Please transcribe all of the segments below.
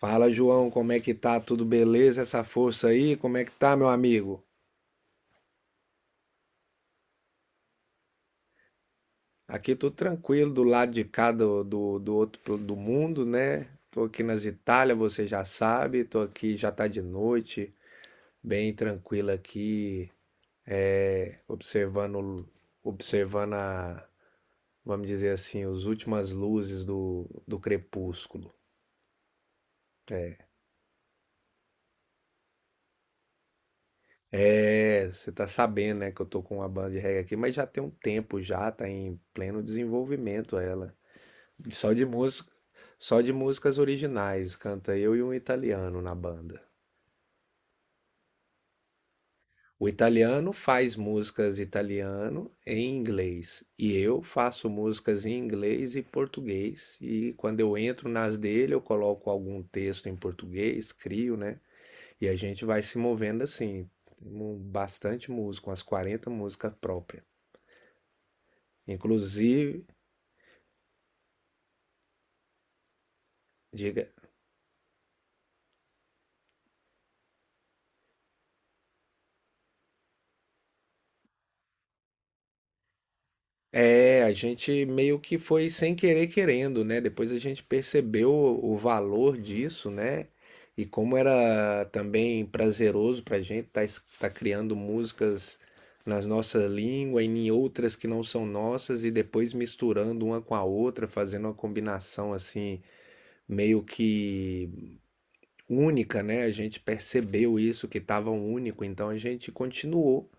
Fala, João, como é que tá? Tudo beleza? Essa força aí? Como é que tá, meu amigo? Aqui tô tranquilo, do lado de cá do do mundo, né? Tô aqui nas Itália, você já sabe, tô aqui, já tá de noite, bem tranquilo aqui, observando, observando a, vamos dizer assim, as últimas luzes do crepúsculo. É, você tá sabendo, né, que eu tô com uma banda de reggae aqui, mas já tem um tempo já, tá em pleno desenvolvimento ela. Só de música, só de músicas originais, canta eu e um italiano na banda. O italiano faz músicas italiano em inglês e eu faço músicas em inglês e português. E quando eu entro nas dele, eu coloco algum texto em português, crio, né? E a gente vai se movendo assim. Temos bastante música, umas 40 músicas próprias. Inclusive, diga. A gente meio que foi sem querer querendo, né? Depois a gente percebeu o valor disso, né? E como era também prazeroso pra gente estar tá criando músicas nas nossa língua e em outras que não são nossas e depois misturando uma com a outra, fazendo uma combinação assim meio que única, né? A gente percebeu isso que estava único, então a gente continuou.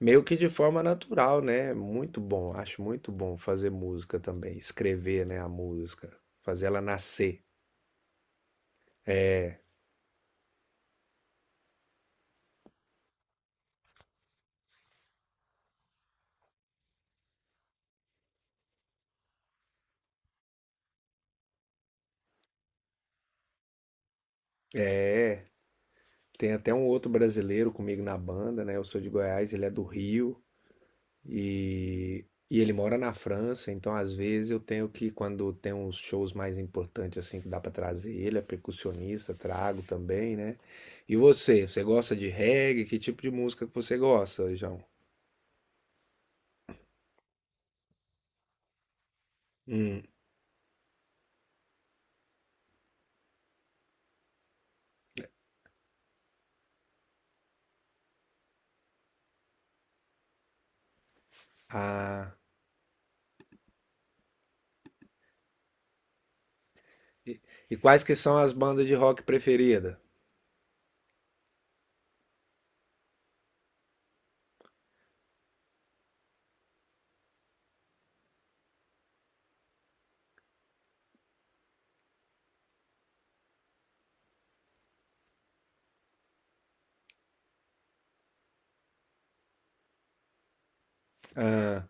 Meio que de forma natural, né? Muito bom, acho muito bom fazer música também, escrever, né, a música, fazer ela nascer. É, tem até um outro brasileiro comigo na banda, né? Eu sou de Goiás, ele é do Rio e, e ele mora na França, então às vezes eu tenho que, quando tem uns shows mais importantes assim que dá pra trazer, ele é percussionista, trago também, né? E você, você gosta de reggae? Que tipo de música que você gosta, João? Hum, ah. E, e quais que são as bandas de rock preferida? Ah,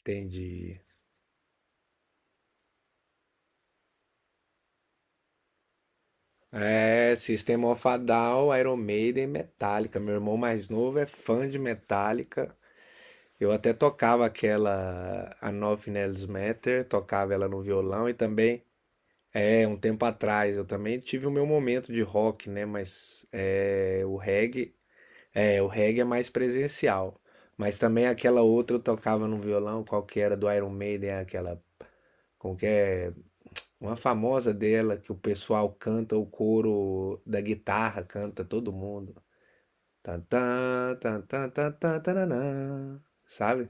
entendi. É, System of a Down, Iron Maiden, Metallica. Meu irmão mais novo é fã de Metallica. Eu até tocava aquela A Nove Nails Matter, tocava ela no violão e também, é, um tempo atrás, eu também tive o meu momento de rock, né? Mas é, o reggae, é, o reggae é mais presencial. Mas também aquela outra eu tocava no violão, qual que era do Iron Maiden, aquela, qualquer uma famosa dela que o pessoal canta o coro da guitarra, canta todo mundo. Tan, tan, tan, tan, tan, tan, tananã. Sabe?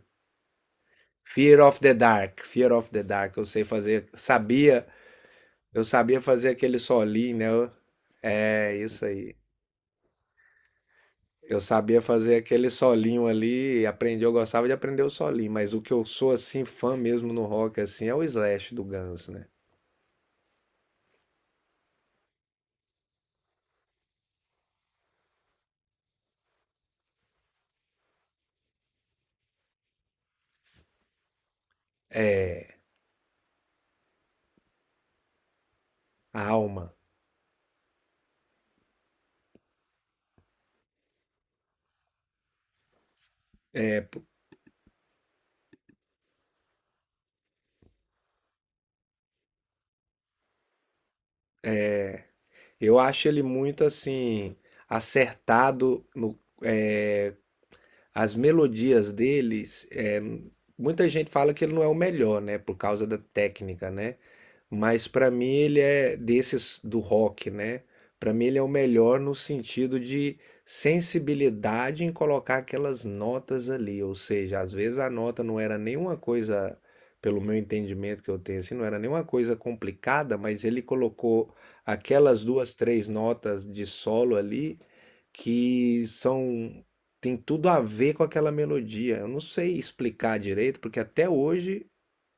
Fear of the Dark, Fear of the Dark, eu sei fazer, sabia, eu sabia fazer aquele solinho, né? Eu- É isso aí. Eu sabia fazer aquele solinho ali, aprendi, eu gostava de aprender o solinho, mas o que eu sou assim fã mesmo no rock assim é o Slash do Guns, né? É, a alma. É, eu acho ele muito assim acertado no, as melodias deles, é, muita gente fala que ele não é o melhor, né, por causa da técnica, né? Mas pra mim ele é desses do rock, né? Pra mim ele é o melhor no sentido de sensibilidade em colocar aquelas notas ali, ou seja, às vezes a nota não era nenhuma coisa, pelo meu entendimento que eu tenho assim, não era nenhuma coisa complicada, mas ele colocou aquelas duas, três notas de solo ali que são tem tudo a ver com aquela melodia. Eu não sei explicar direito, porque até hoje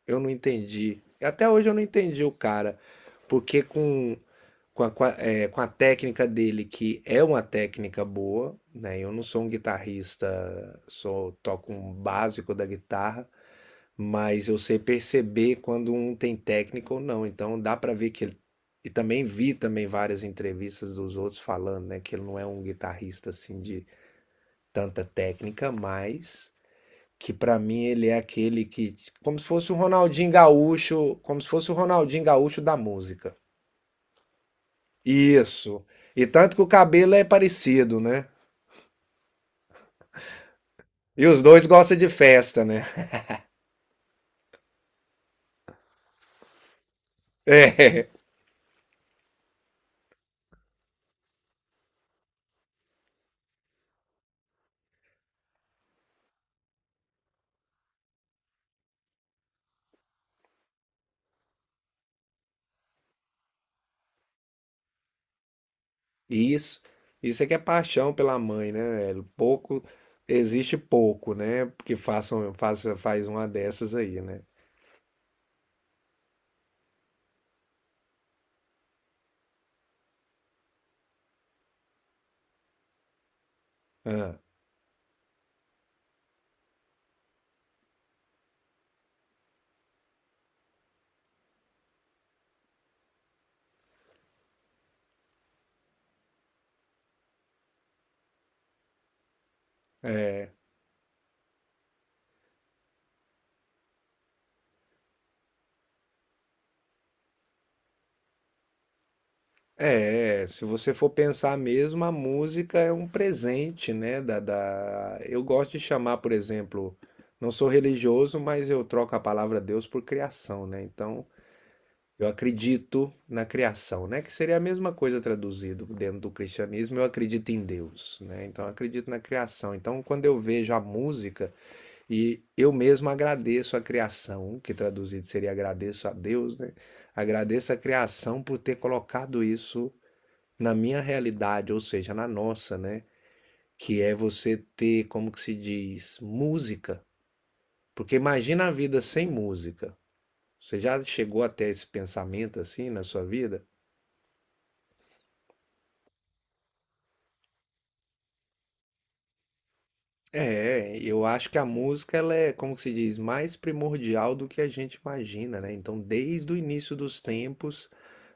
eu não entendi. Até hoje eu não entendi o cara, porque é, com a técnica dele, que é uma técnica boa, né? Eu não sou um guitarrista, sou toco um básico da guitarra, mas eu sei perceber quando um tem técnica ou não. Então dá para ver que ele. E também vi também várias entrevistas dos outros falando, né, que ele não é um guitarrista assim de tanta técnica, mas que para mim ele é aquele que como se fosse o Ronaldinho Gaúcho, como se fosse o Ronaldinho Gaúcho da música. Isso. E tanto que o cabelo é parecido, né? E os dois gostam de festa, né? É. Isso, isso é que é paixão pela mãe, né, velho? Pouco, existe pouco, né? Porque façam, faça, faz uma dessas aí, né? Ah, é, se você for pensar mesmo, a música é um presente, né? Da... Eu gosto de chamar, por exemplo, não sou religioso, mas eu troco a palavra Deus por criação, né? Então, eu acredito na criação, né? Que seria a mesma coisa traduzido dentro do cristianismo, eu acredito em Deus, né? Então eu acredito na criação. Então quando eu vejo a música e eu mesmo agradeço a criação, que traduzido seria agradeço a Deus, né? Agradeço a criação por ter colocado isso na minha realidade, ou seja, na nossa, né? Que é você ter, como que se diz, música. Porque imagina a vida sem música. Você já chegou até esse pensamento assim na sua vida? É, eu acho que a música ela é, como que se diz, mais primordial do que a gente imagina, né? Então, desde o início dos tempos,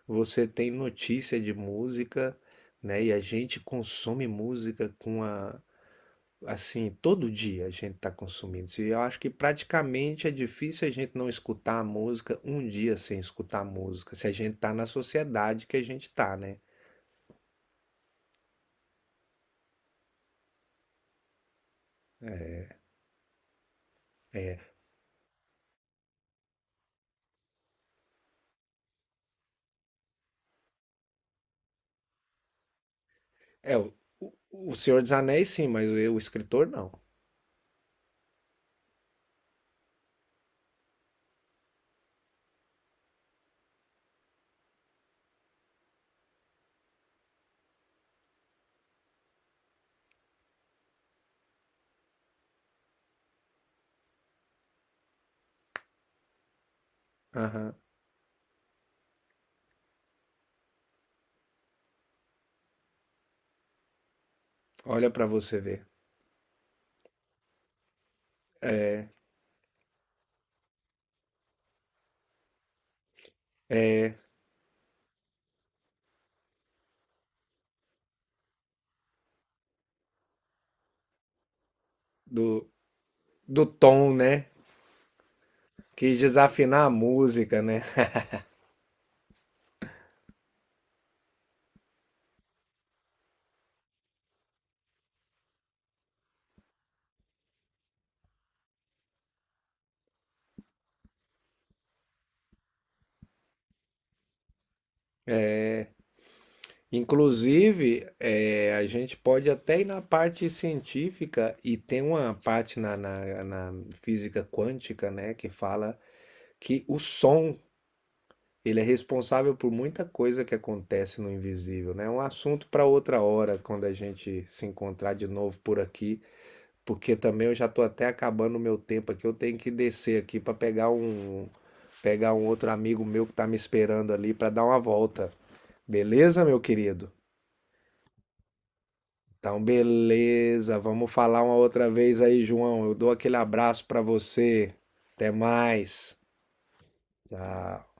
você tem notícia de música, né? E a gente consome música com a, assim, todo dia a gente está consumindo. Se eu acho que praticamente é difícil a gente não escutar a música um dia sem escutar a música, se a gente tá na sociedade que a gente tá, né? É, o o Senhor dos Anéis sim, mas o escritor não. Aham. Olha para você ver. do, do tom, né? Quis desafinar a música, né? Inclusive, é a gente pode até ir na parte científica e tem uma parte na física quântica, né, que fala que o som ele é responsável por muita coisa que acontece no invisível, né? É um assunto para outra hora, quando a gente se encontrar de novo por aqui. Porque também eu já tô até acabando o meu tempo aqui. Eu tenho que descer aqui para pegar um outro amigo meu que tá me esperando ali para dar uma volta. Beleza, meu querido? Então, beleza. Vamos falar uma outra vez aí, João. Eu dou aquele abraço para você. Até mais. Tchau.